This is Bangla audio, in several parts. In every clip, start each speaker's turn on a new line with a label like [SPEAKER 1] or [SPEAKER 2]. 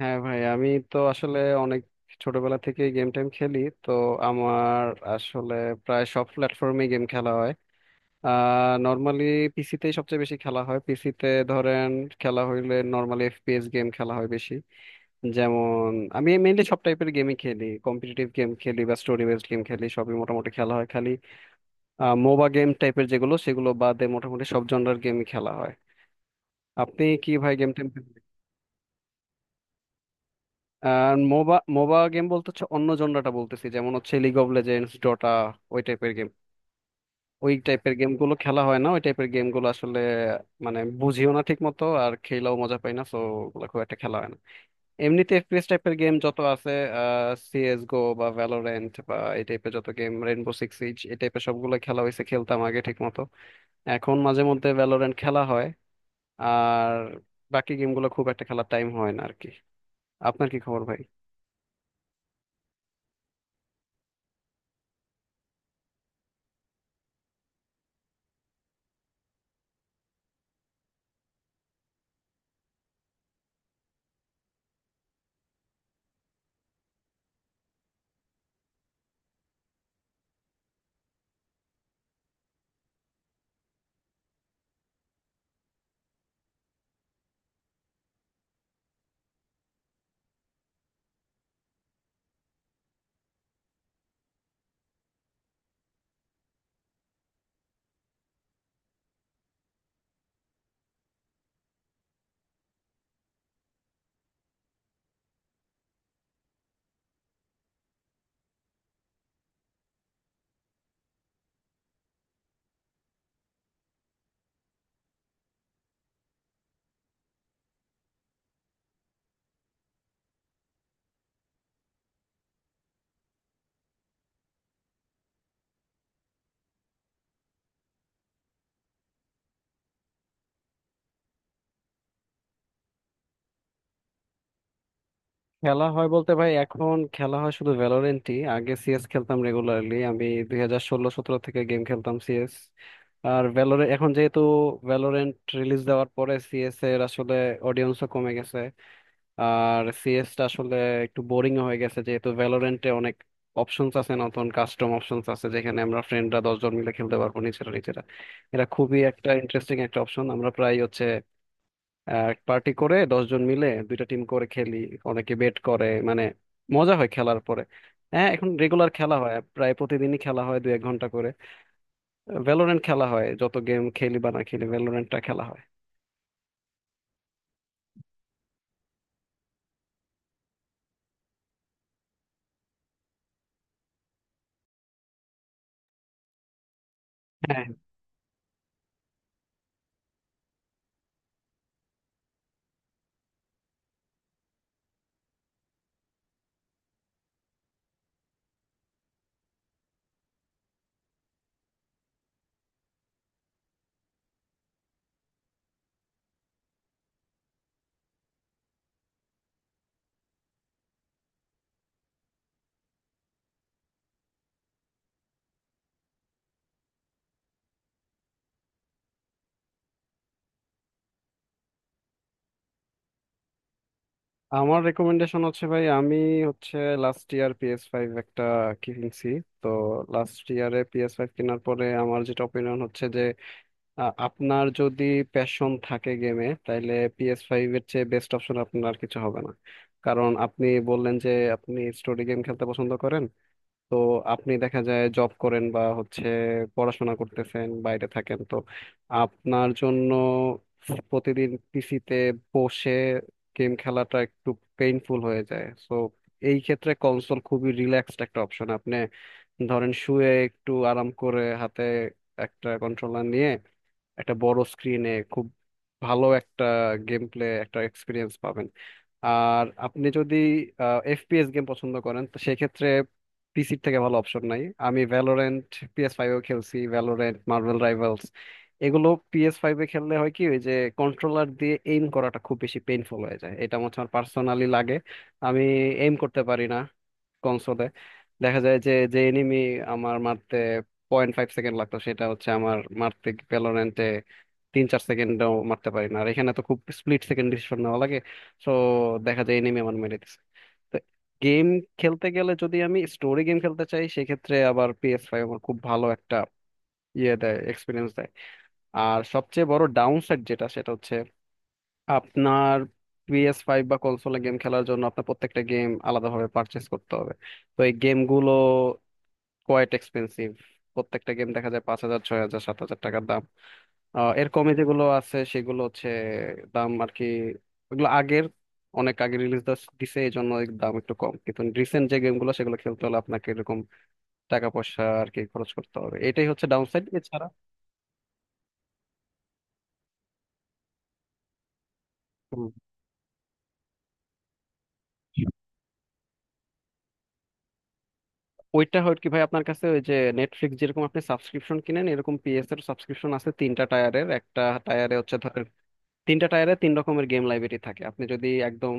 [SPEAKER 1] হ্যাঁ ভাই, আমি তো আসলে অনেক ছোটবেলা থেকে গেম টেম খেলি। তো আমার আসলে প্রায় সব প্ল্যাটফর্মে গেম খেলা হয়। নর্মালি পিসিতেই সবচেয়ে বেশি খেলা হয়, পিসিতে ধরেন খেলা হইলে নর্মালি এফপিএস গেম খেলা হয় বেশি। যেমন আমি মেইনলি সব টাইপের গেমই খেলি, কম্পিটিটিভ গেম খেলি বা স্টোরি বেসড গেম খেলি, সবই মোটামুটি খেলা হয়, খালি মোবা গেম টাইপের যেগুলো সেগুলো বাদে মোটামুটি সব জনরার গেমই খেলা হয়। আপনি কি ভাই গেম টেম? আর মোবা মোবা গেম বলতে হচ্ছে অন্য জনরাটা বলতেছি, যেমন হচ্ছে লিগ অফ লেজেন্ডস, ডটা, ওই টাইপের গেম। ওই টাইপের গেম গুলো খেলা হয় না, ওই টাইপের গেম গুলো আসলে মানে বুঝিও না ঠিক মতো, আর খেলাও মজা পাই না, তো ওগুলো খুব একটা খেলা হয় না। এমনিতে এফপিএস টাইপের গেম যত আছে, সিএস গো বা ভ্যালোরেন্ট বা এই টাইপের যত গেম, রেনবো সিক্স সিজ, এই টাইপের সবগুলো খেলা হয়েছে, খেলতাম আগে ঠিক মতো। এখন মাঝে মধ্যে ভ্যালোরেন্ট খেলা হয়। আর বাকি গেমগুলো খুব একটা খেলার টাইম হয় না আর কি। আপনার কি খবর ভাই? খেলা হয় বলতে ভাই এখন খেলা হয় শুধু ভ্যালোরেন্টই। আগে সিএস খেলতাম রেগুলারলি, আমি 2016-17 থেকে গেম খেলতাম সিএস। আর ভ্যালোরেন্ট এখন যেহেতু ভ্যালোরেন্ট রিলিজ দেওয়ার পরে সিএস এর আসলে অডিয়েন্সও কমে গেছে। আর সিএস টা আসলে একটু বোরিং হয়ে গেছে যেহেতু ভ্যালোরেন্টে অনেক অপশনস আছে, নতুন কাস্টম অপশনস আছে, যেখানে আমরা ফ্রেন্ডরা 10 জন মিলে খেলতে পারবো নিজেরা নিজেরা। এটা খুবই একটা ইন্টারেস্টিং একটা অপশন, আমরা প্রায় হচ্ছে এক পার্টি করে 10 জন মিলে দুইটা টিম করে খেলি। অনেকে বেট করে মানে, মজা হয় খেলার পরে। হ্যাঁ, এখন রেগুলার খেলা হয়, প্রায় প্রতিদিনই খেলা হয় 1-2 ঘন্টা করে। ভ্যালোরেন্ট খেলা হয়, যত গেম খেলি বা না খেলি ভ্যালোরেন্টটা খেলা হয়। হ্যাঁ। আমার রেকমেন্ডেশন হচ্ছে ভাই, আমি হচ্ছে লাস্ট ইয়ার পিএস ফাইভ একটা কিনছি। তো লাস্ট ইয়ারে পিএস ফাইভ কেনার পরে আমার যেটা অপিনিয়ন হচ্ছে, আপনার যদি প্যাশন থাকে গেমে তাহলে পিএস ফাইভ এর চেয়ে বেস্ট অপশন আপনার আর কিছু হবে না। কারণ আপনি বললেন যে আপনি স্টোরি গেম খেলতে পছন্দ করেন। তো আপনি দেখা যায় জব করেন বা হচ্ছে পড়াশোনা করতেছেন, বাইরে থাকেন, তো আপনার জন্য প্রতিদিন পিসিতে বসে গেম খেলাটা একটু পেইনফুল হয়ে যায়। সো এই ক্ষেত্রে কনসোল খুবই রিল্যাক্সড একটা অপশন। আপনি ধরেন শুয়ে একটু আরাম করে হাতে একটা কন্ট্রোলার নিয়ে একটা বড় স্ক্রিনে খুব ভালো একটা গেম প্লে একটা এক্সপিরিয়েন্স পাবেন। আর আপনি যদি এফপিএস গেম পছন্দ করেন তো সেক্ষেত্রে পিসির থেকে ভালো অপশন নাই। আমি ভ্যালোরেন্ট পিএস ফাইভেও খেলছি, ভ্যালোরেন্ট, মার্বেল রাইভালস, এগুলো পিএস ফাইভে খেললে হয় কি, ওই যে কন্ট্রোলার দিয়ে এইম করাটা খুব বেশি পেইনফুল হয়ে যায়, এটা আমার পার্সোনালি লাগে। আমি এইম করতে পারি না কনসোলে। দেখা যায় যে যে এনিমি আমার মারতে 0.5 সেকেন্ড লাগতো সেটা হচ্ছে আমার মারতে ভ্যালোরেন্টে 3-4 সেকেন্ডও মারতে পারি না। আর এখানে তো খুব স্প্লিট সেকেন্ড ডিসিশন নেওয়া লাগে, সো দেখা যায় এনিমি আমার মেরে দিচ্ছে। তো গেম খেলতে গেলে যদি আমি স্টোরি গেম খেলতে চাই সেক্ষেত্রে আবার পিএস ফাইভ আমার খুব ভালো একটা ইয়ে দেয়, এক্সপিরিয়েন্স দেয়। আর সবচেয়ে বড় ডাউন সাইড যেটা, সেটা হচ্ছে আপনার পিএস ফাইভ বা কনসোলে গেম খেলার জন্য আপনার প্রত্যেকটা গেম আলাদাভাবে পারচেস করতে হবে। তো এই গেমগুলো কোয়াইট এক্সপেন্সিভ, প্রত্যেকটা গেম দেখা যায় 5,000 6,000 7,000 টাকার দাম। এর কমে যেগুলো আছে সেগুলো হচ্ছে দাম আর কি, ওগুলো আগের, অনেক আগে রিলিজ দিছে, এই জন্য এর দাম একটু কম। কিন্তু রিসেন্ট যে গেমগুলো সেগুলো খেলতে হলে আপনাকে এরকম টাকা পয়সা আর কি খরচ করতে হবে, এটাই হচ্ছে ডাউন সাইড এছাড়া। হুম, ওইটা হয় কি ভাই, আপনার কাছে ওই যে নেটফ্লিক্স যেরকম আপনি সাবস্ক্রিপশন কিনেন, এরকম পিএস এর সাবস্ক্রিপশন আছে 3টা টায়ারের। একটা টায়ারে হচ্ছে ধরেন, 3টা টায়ারে তিন রকমের গেম লাইব্রেরি থাকে। আপনি যদি একদম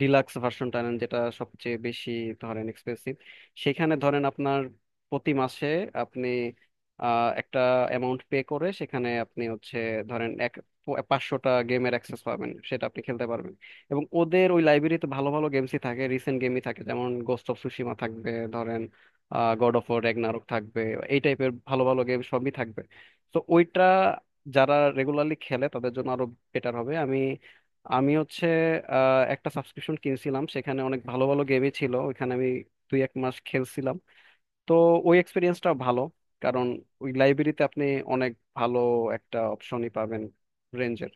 [SPEAKER 1] ডিলাক্স ভার্সনটা নেন, যেটা সবচেয়ে বেশি ধরেন এক্সপেন্সিভ, সেখানে ধরেন আপনার প্রতি মাসে আপনি একটা অ্যামাউন্ট পে করে সেখানে আপনি হচ্ছে ধরেন এক 500টা গেমের অ্যাক্সেস পাবেন, সেটা আপনি খেলতে পারবেন। এবং ওদের ওই লাইব্রেরিতে ভালো ভালো গেমসই থাকে, রিসেন্ট গেমই থাকে, যেমন গোস্ট অফ সুশিমা থাকবে, ধরেন গড অফ ওয়ার রেগনারক থাকবে, এই টাইপের ভালো ভালো গেম সবই থাকবে। তো ওইটা যারা রেগুলারলি খেলে তাদের জন্য আরো বেটার হবে। আমি আমি হচ্ছে একটা সাবস্ক্রিপশন কিনছিলাম, সেখানে অনেক ভালো ভালো গেমই ছিল। ওইখানে আমি 1-2 মাস খেলছিলাম। তো ওই এক্সপিরিয়েন্সটা ভালো, কারণ ওই লাইব্রেরিতে আপনি অনেক ভালো একটা অপশনই পাবেন রেঞ্জের।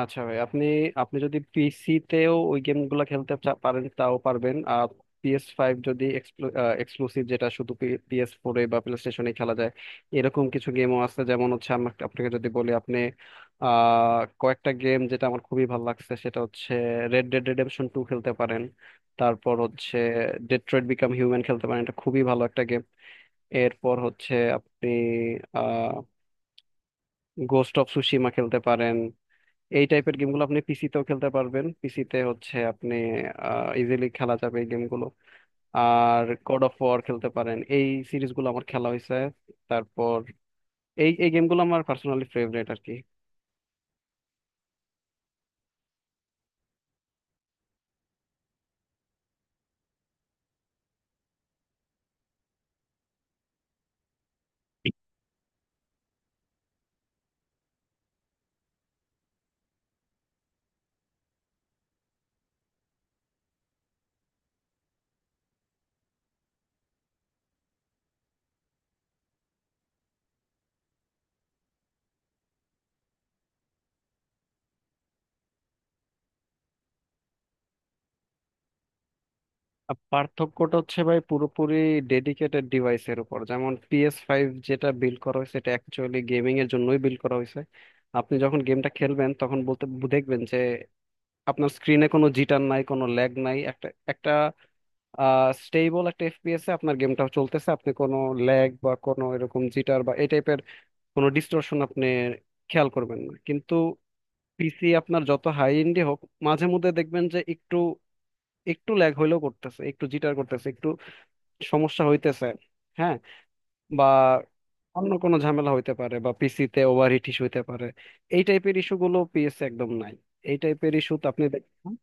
[SPEAKER 1] আচ্ছা ভাই, আপনি আপনি যদি পিসি তেও ওই গেমগুলো খেলতে পারেন তাও পারবেন। আর পিএস ফাইভ যদি এক্সক্লুসিভ যেটা শুধু পিএস ফোরে বা প্লে স্টেশনে খেলা যায়, এরকম কিছু গেমও আছে, যেমন হচ্ছে আমাকে আপনাকে যদি বলি আপনি, কয়েকটা গেম যেটা আমার খুবই ভালো লাগছে, সেটা হচ্ছে রেড ডেড রেডেমশন টু, খেলতে পারেন। তারপর হচ্ছে ডেট্রয়েট বিকাম হিউম্যান খেলতে পারেন, এটা খুবই ভালো একটা গেম। এরপর হচ্ছে আপনি আহ গোস্ট অফ সুশিমা খেলতে পারেন। এই টাইপের গেমগুলো আপনি পিসিতেও খেলতে পারবেন, পিসিতে হচ্ছে আপনি ইজিলি খেলা যাবে এই গেমগুলো। আর গড অফ ওয়ার খেলতে পারেন, এই সিরিজগুলো আমার খেলা হয়েছে। তারপর এই এই গেমগুলো আমার পার্সোনালি ফেভারিট আর কি। আর পার্থক্যটা হচ্ছে ভাই পুরোপুরি ডেডিকেটেড ডিভাইসের উপর। যেমন পিএস ফাইভ যেটা বিল্ড করা হয়েছে, এটা অ্যাকচুয়ালি গেমিং এর জন্যই বিল্ড করা হয়েছে। আপনি যখন গেমটা খেলবেন তখন বলতে দেখবেন যে আপনার স্ক্রিনে কোনো জিটার নাই, কোনো ল্যাগ নাই, একটা একটা স্টেবল একটা এফপিএস এ আপনার গেমটা চলতেছে, আপনি কোনো ল্যাগ বা কোনো এরকম জিটার বা এই টাইপের কোনো ডিস্টরশন আপনি খেয়াল করবেন না। কিন্তু পিসি আপনার যত হাই এন্ডই হোক মাঝে মধ্যে দেখবেন যে একটু একটু ল্যাগ হইলেও করতেছে, একটু জিটার করতেছে, একটু সমস্যা হইতেছে। হ্যাঁ, বা অন্য কোনো ঝামেলা হইতে পারে, বা পিসিতে ওভার হিট ইস্যু হইতে পারে। এই টাইপের ইস্যুগুলো পিএসএ একদম নাই, এই টাইপের ইস্যু তো আপনি দেখবেন।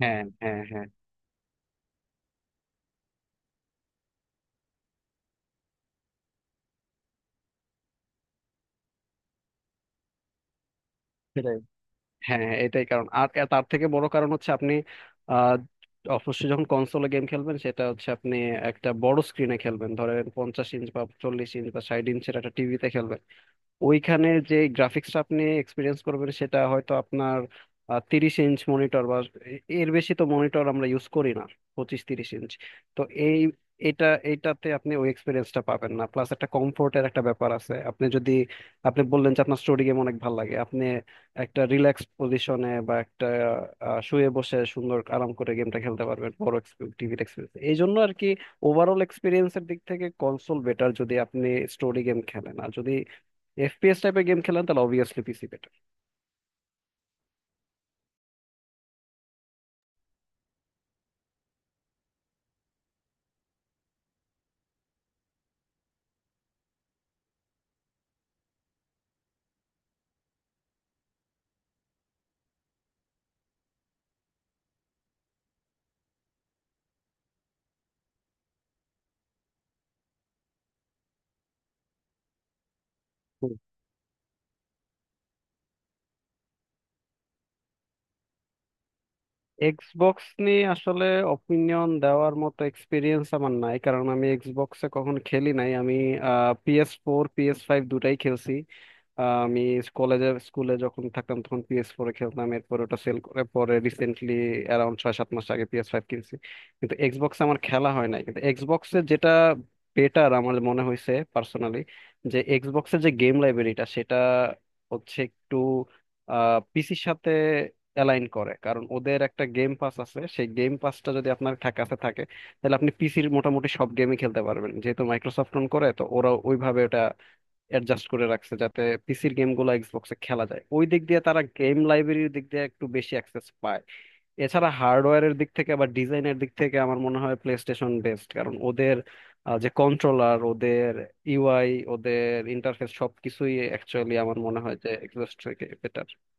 [SPEAKER 1] হ্যাঁ, হ্যাঁ, হ্যাঁ, হ্যাঁ, হ্যাঁ, এটাই কারণ। আর তার থেকে বড় কারণ হচ্ছে আপনি আহ অবশ্যই যখন কনসোলে গেম খেলবেন সেটা হচ্ছে আপনি একটা বড় স্ক্রিনে খেলবেন, ধরেন 50 ইঞ্চ বা 40 ইঞ্চ বা 60 ইঞ্চের একটা টিভিতে খেলবেন। ওইখানে যে গ্রাফিক্সটা আপনি এক্সপিরিয়েন্স করবেন সেটা হয়তো আপনার 30 ইঞ্চ মনিটর বা এর বেশি তো মনিটর আমরা ইউজ করি না, 25-30 ইঞ্চ। তো এই এটা এইটাতে আপনি ওই এক্সপিরিয়েন্সটা পাবেন না। প্লাস একটা কমফোর্টের একটা ব্যাপার আছে, আপনি যদি, আপনি বললেন যে আপনার স্টোরি গেম অনেক ভালো লাগে, আপনি একটা রিল্যাক্স পজিশনে বা একটা শুয়ে বসে সুন্দর আরাম করে গেমটা খেলতে পারবেন, বড় টিভির এক্সপিরিয়েন্স এই জন্য আর কি। ওভারঅল এক্সপিরিয়েন্সের দিক থেকে কনসোল বেটার যদি আপনি স্টোরি গেম খেলেন, আর যদি এফপিএস টাইপের গেম খেলেন তাহলে অবভিয়াসলি পিসি বেটার। হুম, এক্সবক্স নিয়ে আসলে অপিনিয়ন দেওয়ার মতো এক্সপিরিয়েন্স আমার নাই, কারণ আমি এক্সবক্সে কখনো খেলি নাই। আমি পিএস ফোর পিএস ফাইভ দুটাই খেলছি। আমি কলেজে স্কুলে যখন থাকতাম তখন পিএস ফোরে খেলতাম, এরপর ওটা সেল করে পরে রিসেন্টলি অ্যারাউন্ড 6-7 মাস আগে পিএস ফাইভ কিনছি। কিন্তু এক্সবক্স আমার খেলা হয় নাই। কিন্তু এক্সবক্সে যেটা বেটার আমার মনে হয়েছে পার্সোনালি, যে এক্সবক্সের যে গেম লাইব্রেরিটা সেটা হচ্ছে একটু পিসির সাথে অ্যালাইন করে। কারণ ওদের একটা গেম পাস আছে, সেই গেম পাসটা যদি আপনার কাছে থাকে তাহলে আপনি পিসির মোটামুটি সব গেমই খেলতে পারবেন, যেহেতু মাইক্রোসফট অন করে তো ওরা ওইভাবে ওটা অ্যাডজাস্ট করে রাখছে যাতে পিসির গেমগুলো এক্সবক্সে খেলা যায়। ওই দিক দিয়ে তারা গেম লাইব্রেরির দিক দিয়ে একটু বেশি অ্যাক্সেস পায়। এছাড়া হার্ডওয়্যারের দিক থেকে বা ডিজাইনের দিক থেকে আমার মনে হয় প্লে স্টেশন বেস্ট। কারণ ওদের যে কন্ট্রোলার, ওদের ইউআই, ওদের ইন্টারফেস সবকিছুই অ্যাকচুয়ালি আমার মনে হয় যে এক্সবক্স থেকে বেটার।